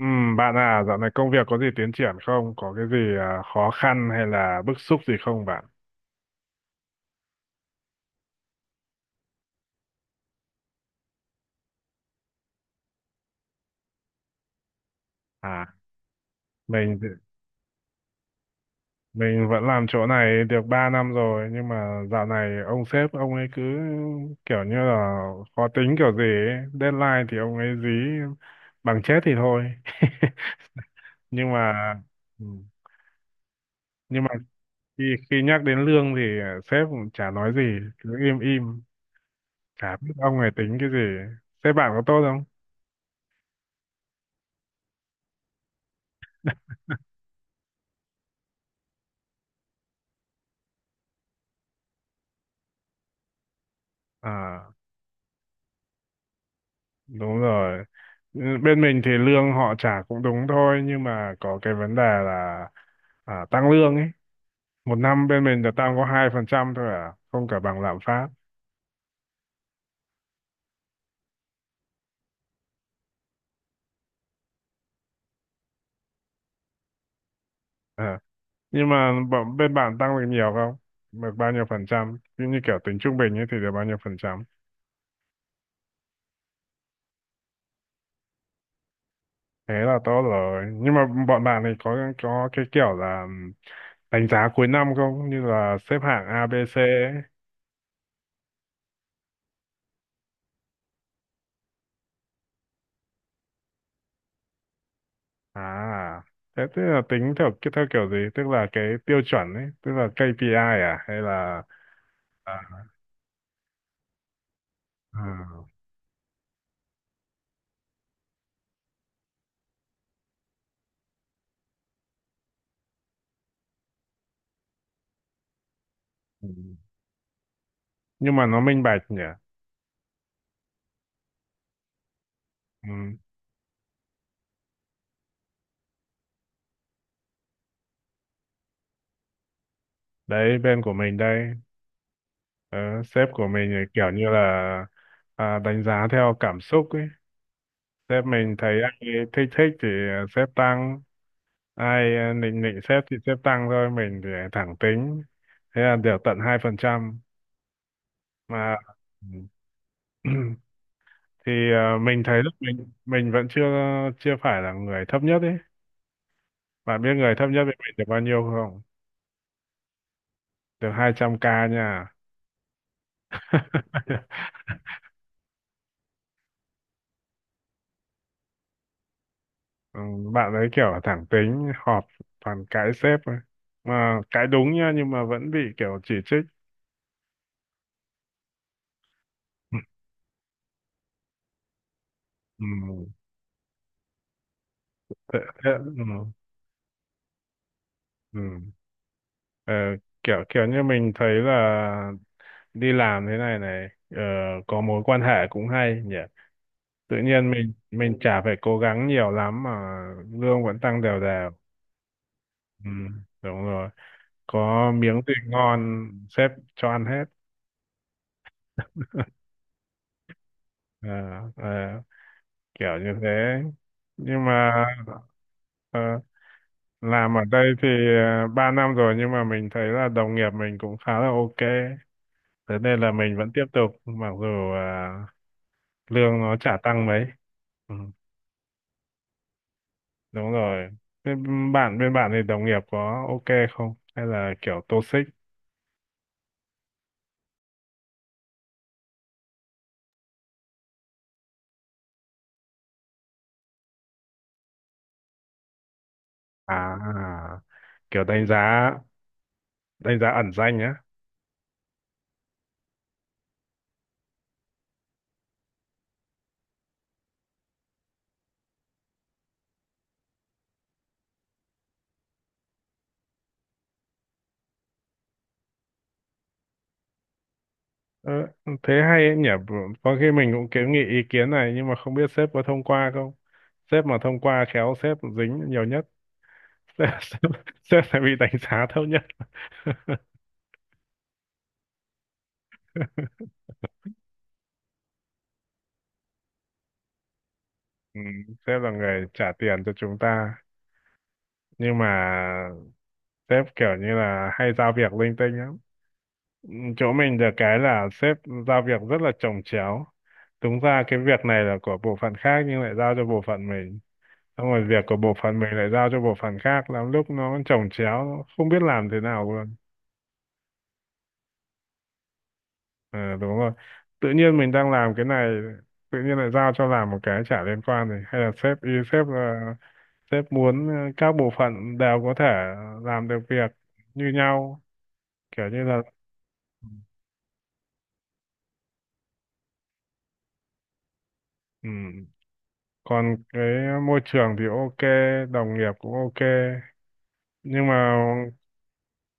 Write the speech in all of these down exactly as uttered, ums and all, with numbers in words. Ừ, bạn à, dạo này công việc có gì tiến triển không? Có cái gì à, khó khăn hay là bức xúc gì không bạn? À, mình thì- mình vẫn làm chỗ này được ba năm rồi nhưng mà dạo này ông sếp ông ấy cứ kiểu như là khó tính kiểu gì ấy. Deadline thì ông ấy dí bằng chết thì thôi. Nhưng mà ừ, nhưng mà khi, khi nhắc đến lương thì à, sếp cũng chả nói gì, cứ im im, chả biết ông ấy tính cái gì. Sếp bạn có tốt không? À, đúng rồi. Ừ, bên mình thì lương họ trả cũng đúng thôi, nhưng mà có cái vấn đề là à, tăng lương ấy. Một năm bên mình là tăng có hai phần trăm thôi, à không, cả bằng lạm phát. Ờ. Nhưng mà bọn- bên bạn tăng được nhiều không? Được bao nhiêu phần trăm, như, như kiểu tính trung bình ấy, thì được bao nhiêu phần trăm? Thế là tốt rồi, nhưng mà bọn bạn này có có cái kiểu là đánh giá cuối năm không, như là xếp hạng A B C ấy? À, thế tức là tính theo ki- theo kiểu gì? Tức là cái tiêu chuẩn ấy, tức là ca pê i à, hay là à, à, ừ. Nhưng mà nó minh bạch nhỉ? Ừ. Đấy, bên của mình đây, ờ, sếp của mình thì kiểu như là à, đánh giá theo cảm xúc ấy. Sếp mình thấy ai thích thích thì sếp tăng, ai à, nịnh nịnh sếp thì sếp tăng thôi, mình thì thẳng tính. Thế là được tận hai phần trăm mà. Ừ. thì ờ, mình thấy là mình mình vẫn chưa chưa phải là người thấp nhất ấy. Bạn biết người thấp nhất với mình được bao nhiêu không? Được hai trăm k nha. Ừ, bạn ấy kiểu thẳng tính, họp toàn cãi sếp thôi, mà cãi đúng nha, nhưng mà vẫn bị kiểu chỉ trích. Ừ, thế, thế, ừ, ừ. Ờ, kiểu kiểu như mình thấy là đi làm thế này này ờ, có mối quan hệ cũng hay nhỉ, tự nhiên mình mình chả phải cố gắng nhiều lắm mà lương vẫn tăng đều đều. Ừ, đúng rồi, có miếng gì ngon sếp cho ăn hết. Ờ, ờ, kiểu như thế. Nhưng mà ờ, làm ở đây thì uh, ba năm rồi, nhưng mà mình thấy là đồng nghiệp mình cũng khá là ok, thế nên là mình vẫn tiếp tục mặc dù ờ, lương nó chả tăng mấy. Ừ, đúng rồi. Thế bạn, bên bạn thì đồng nghiệp có ok không hay là kiểu toxic? À, kiểu đánh giá đánh giá ẩn danh á? Ờ, thế hay ấy nhỉ, có khi mình cũng kiến nghị ý kiến này, nhưng mà không biết sếp có thông qua không. Sếp mà thông qua khéo sếp dính nhiều nhất. sếp, sếp, sếp sẽ bị đánh giá thấp nhất. Ừ, sếp là người trả tiền cho chúng ta, nhưng mà sếp kiểu như là hay giao việc linh tinh lắm. Ừ, chỗ mình được cái là sếp giao việc rất là chồng chéo. Đúng ra cái việc này là của bộ phận khác nhưng lại giao cho bộ phận mình, xong rồi việc của bộ phận mình lại giao cho bộ phận khác, lắm lúc nó chồng chéo, nó không biết làm thế nào luôn. Ờ, đúng rồi, tự nhiên mình đang làm cái này, tự nhiên lại giao cho làm một cái chả liên quan này. Hay là sếp ý sếp là sếp muốn ờ, các bộ phận đều có thể làm được việc như nhau, kiểu như là, ừ. Còn cái môi trường thì ok, đồng nghiệp cũng ok, nhưng mà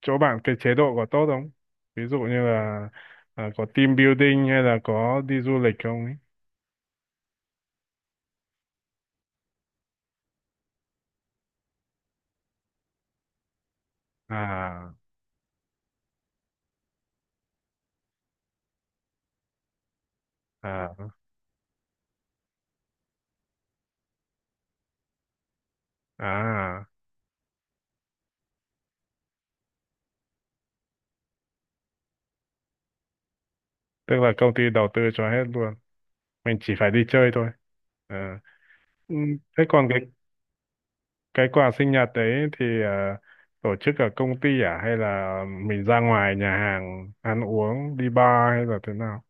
chỗ bạn cái chế độ có tốt không? Ví dụ như là à, có team building hay là có đi du lịch không ấy? à à à Tức là công ty đầu tư cho hết luôn, mình chỉ phải đi chơi thôi à. Ừ, thế còn cái cái quà sinh nhật đấy thì à, tổ chức ở công ty à, hay là mình ra ngoài nhà hàng ăn uống, đi bar, hay là thế nào?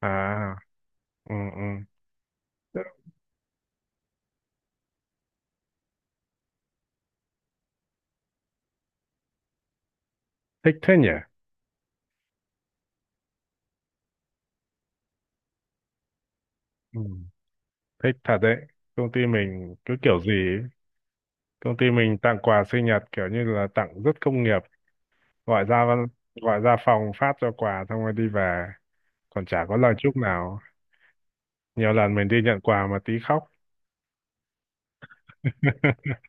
À, ừ, ừ. Thích thế nhỉ. Ừ, thích thật đấy. Công ty mình cứ kiểu gì ấy. Công ty mình tặng quà sinh nhật kiểu như là tặng rất công nghiệp, gọi ra văn- gọi ra phòng phát cho quà xong rồi đi về, còn chả có lời chúc nào. Nhiều lần mình đi nhận quà mà tí khóc.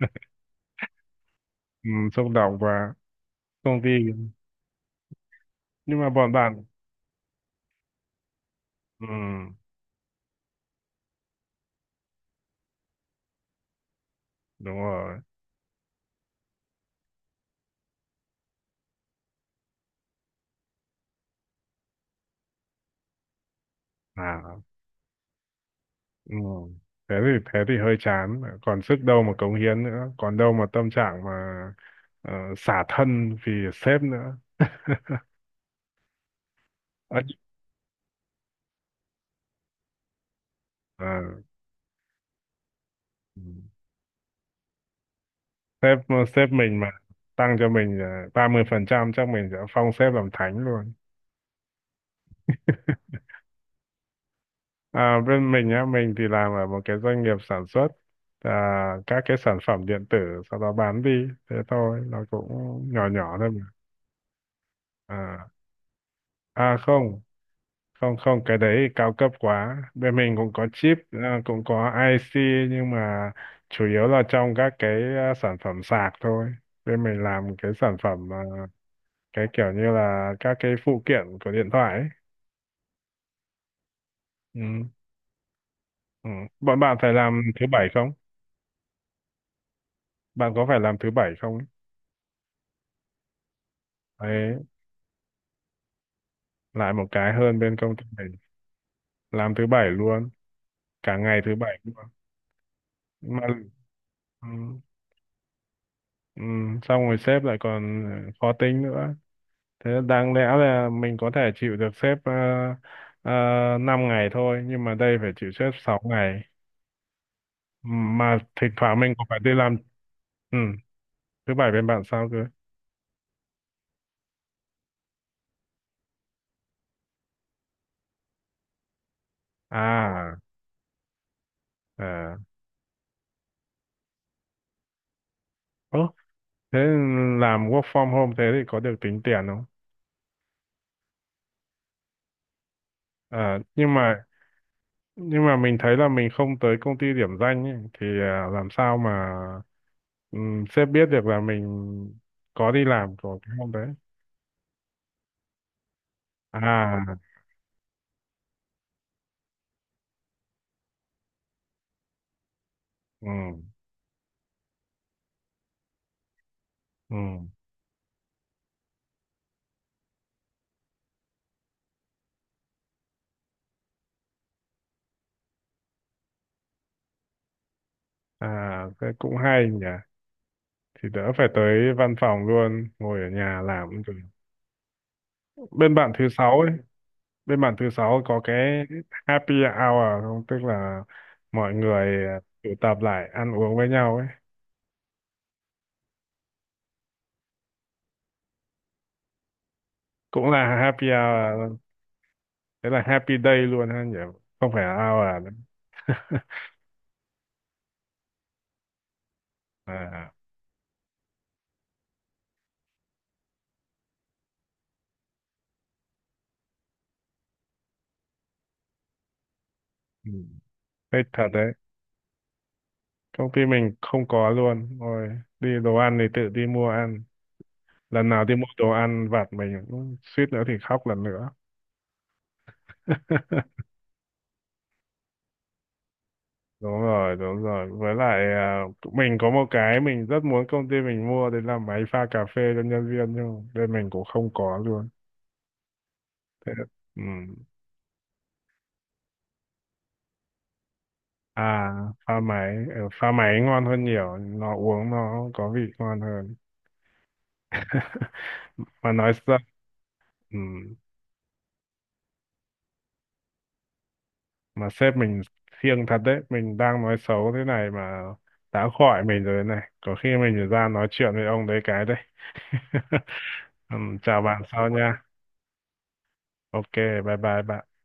Ừ, xúc động và công ty, nhưng mà bọn bạn, ừ, đúng rồi. À, ừ. Thế thì, thế thì hơi chán, còn sức đâu mà cống hiến nữa, còn đâu mà tâm trạng mà ờ, xả thân vì sếp nữa. Ấy, ờ, ừ. sếp sếp mình mà tăng cho mình ba mươi phần trăm chắc mình sẽ phong sếp làm thánh luôn. À, bên mình á, mình thì làm ở một cái doanh nghiệp sản xuất à, các cái sản phẩm điện tử, sau đó bán đi. Thế thôi, nó cũng nhỏ nhỏ thôi mà. à, à không, không, không, cái đấy thì cao cấp quá. Bên mình cũng có chip, à, cũng có i xê, nhưng mà chủ yếu là trong các cái à, sản phẩm sạc thôi. Bên mình làm cái sản phẩm, à, cái kiểu như là các cái phụ kiện của điện thoại ấy. Ừ. Ừ. Bọn bạn phải làm thứ bảy không? Bạn có phải làm thứ bảy không ấy? Đấy, lại một cái hơn bên công ty mình. Làm thứ bảy luôn, cả ngày thứ bảy luôn. Mà ừ. Ừ. Xong rồi sếp lại còn ờ, khó tính nữa. Thế đáng lẽ là mình có thể chịu được sếp ờ, ờ, ngày thôi, nhưng mà đây phải chịu sếp sáu ngày. Mà thỉnh thoảng mình cũng phải đi làm. Ừ. Thứ bảy bên bạn sao cơ? À, à. Ơ, thế làm work from home thế thì có được tính tiền không? À, nhưng mà nhưng mà mình thấy là mình không tới công ty điểm danh ấy, thì à, làm sao mà um, sếp biết được là mình có đi làm của cái hôm đấy? À, ừ, ừ. À thế cũng hay nhỉ, thì đỡ phải tới văn phòng luôn, ngồi ở nhà làm cũng được. bên bạn thứ sáu ấy bên bạn thứ sáu có cái happy hour không, tức là mọi người tụ tập lại ăn uống với nhau ấy? Cũng là happy hour à, thế là happy day luôn ha nhỉ, không phải là hour nữa. À, ừ. Thế thật đấy, công ty mình không có luôn rồi, đi đồ ăn thì tự đi mua ăn. Lần nào đi mua đồ ăn vặt mình cũng suýt nữa thì khóc lần nữa. Đúng rồi, đúng rồi, với lại à, tụi mình có một cái mình rất muốn công ty mình mua đấy là máy pha cà phê cho nhân viên, nhưng mà bên mình cũng không có luôn. Thế, ừ. À, pha máy ở pha máy ngon hơn nhiều, nó uống nó có vị ngon hơn. Mà nói ra, ừ, mà sếp mình siêng thật đấy, mình đang nói xấu thế này mà đã khỏi mình rồi này, có khi mình ra nói chuyện với ông đấy cái đấy. Ừ, chào bạn sau nha, ok, bye bye bạn.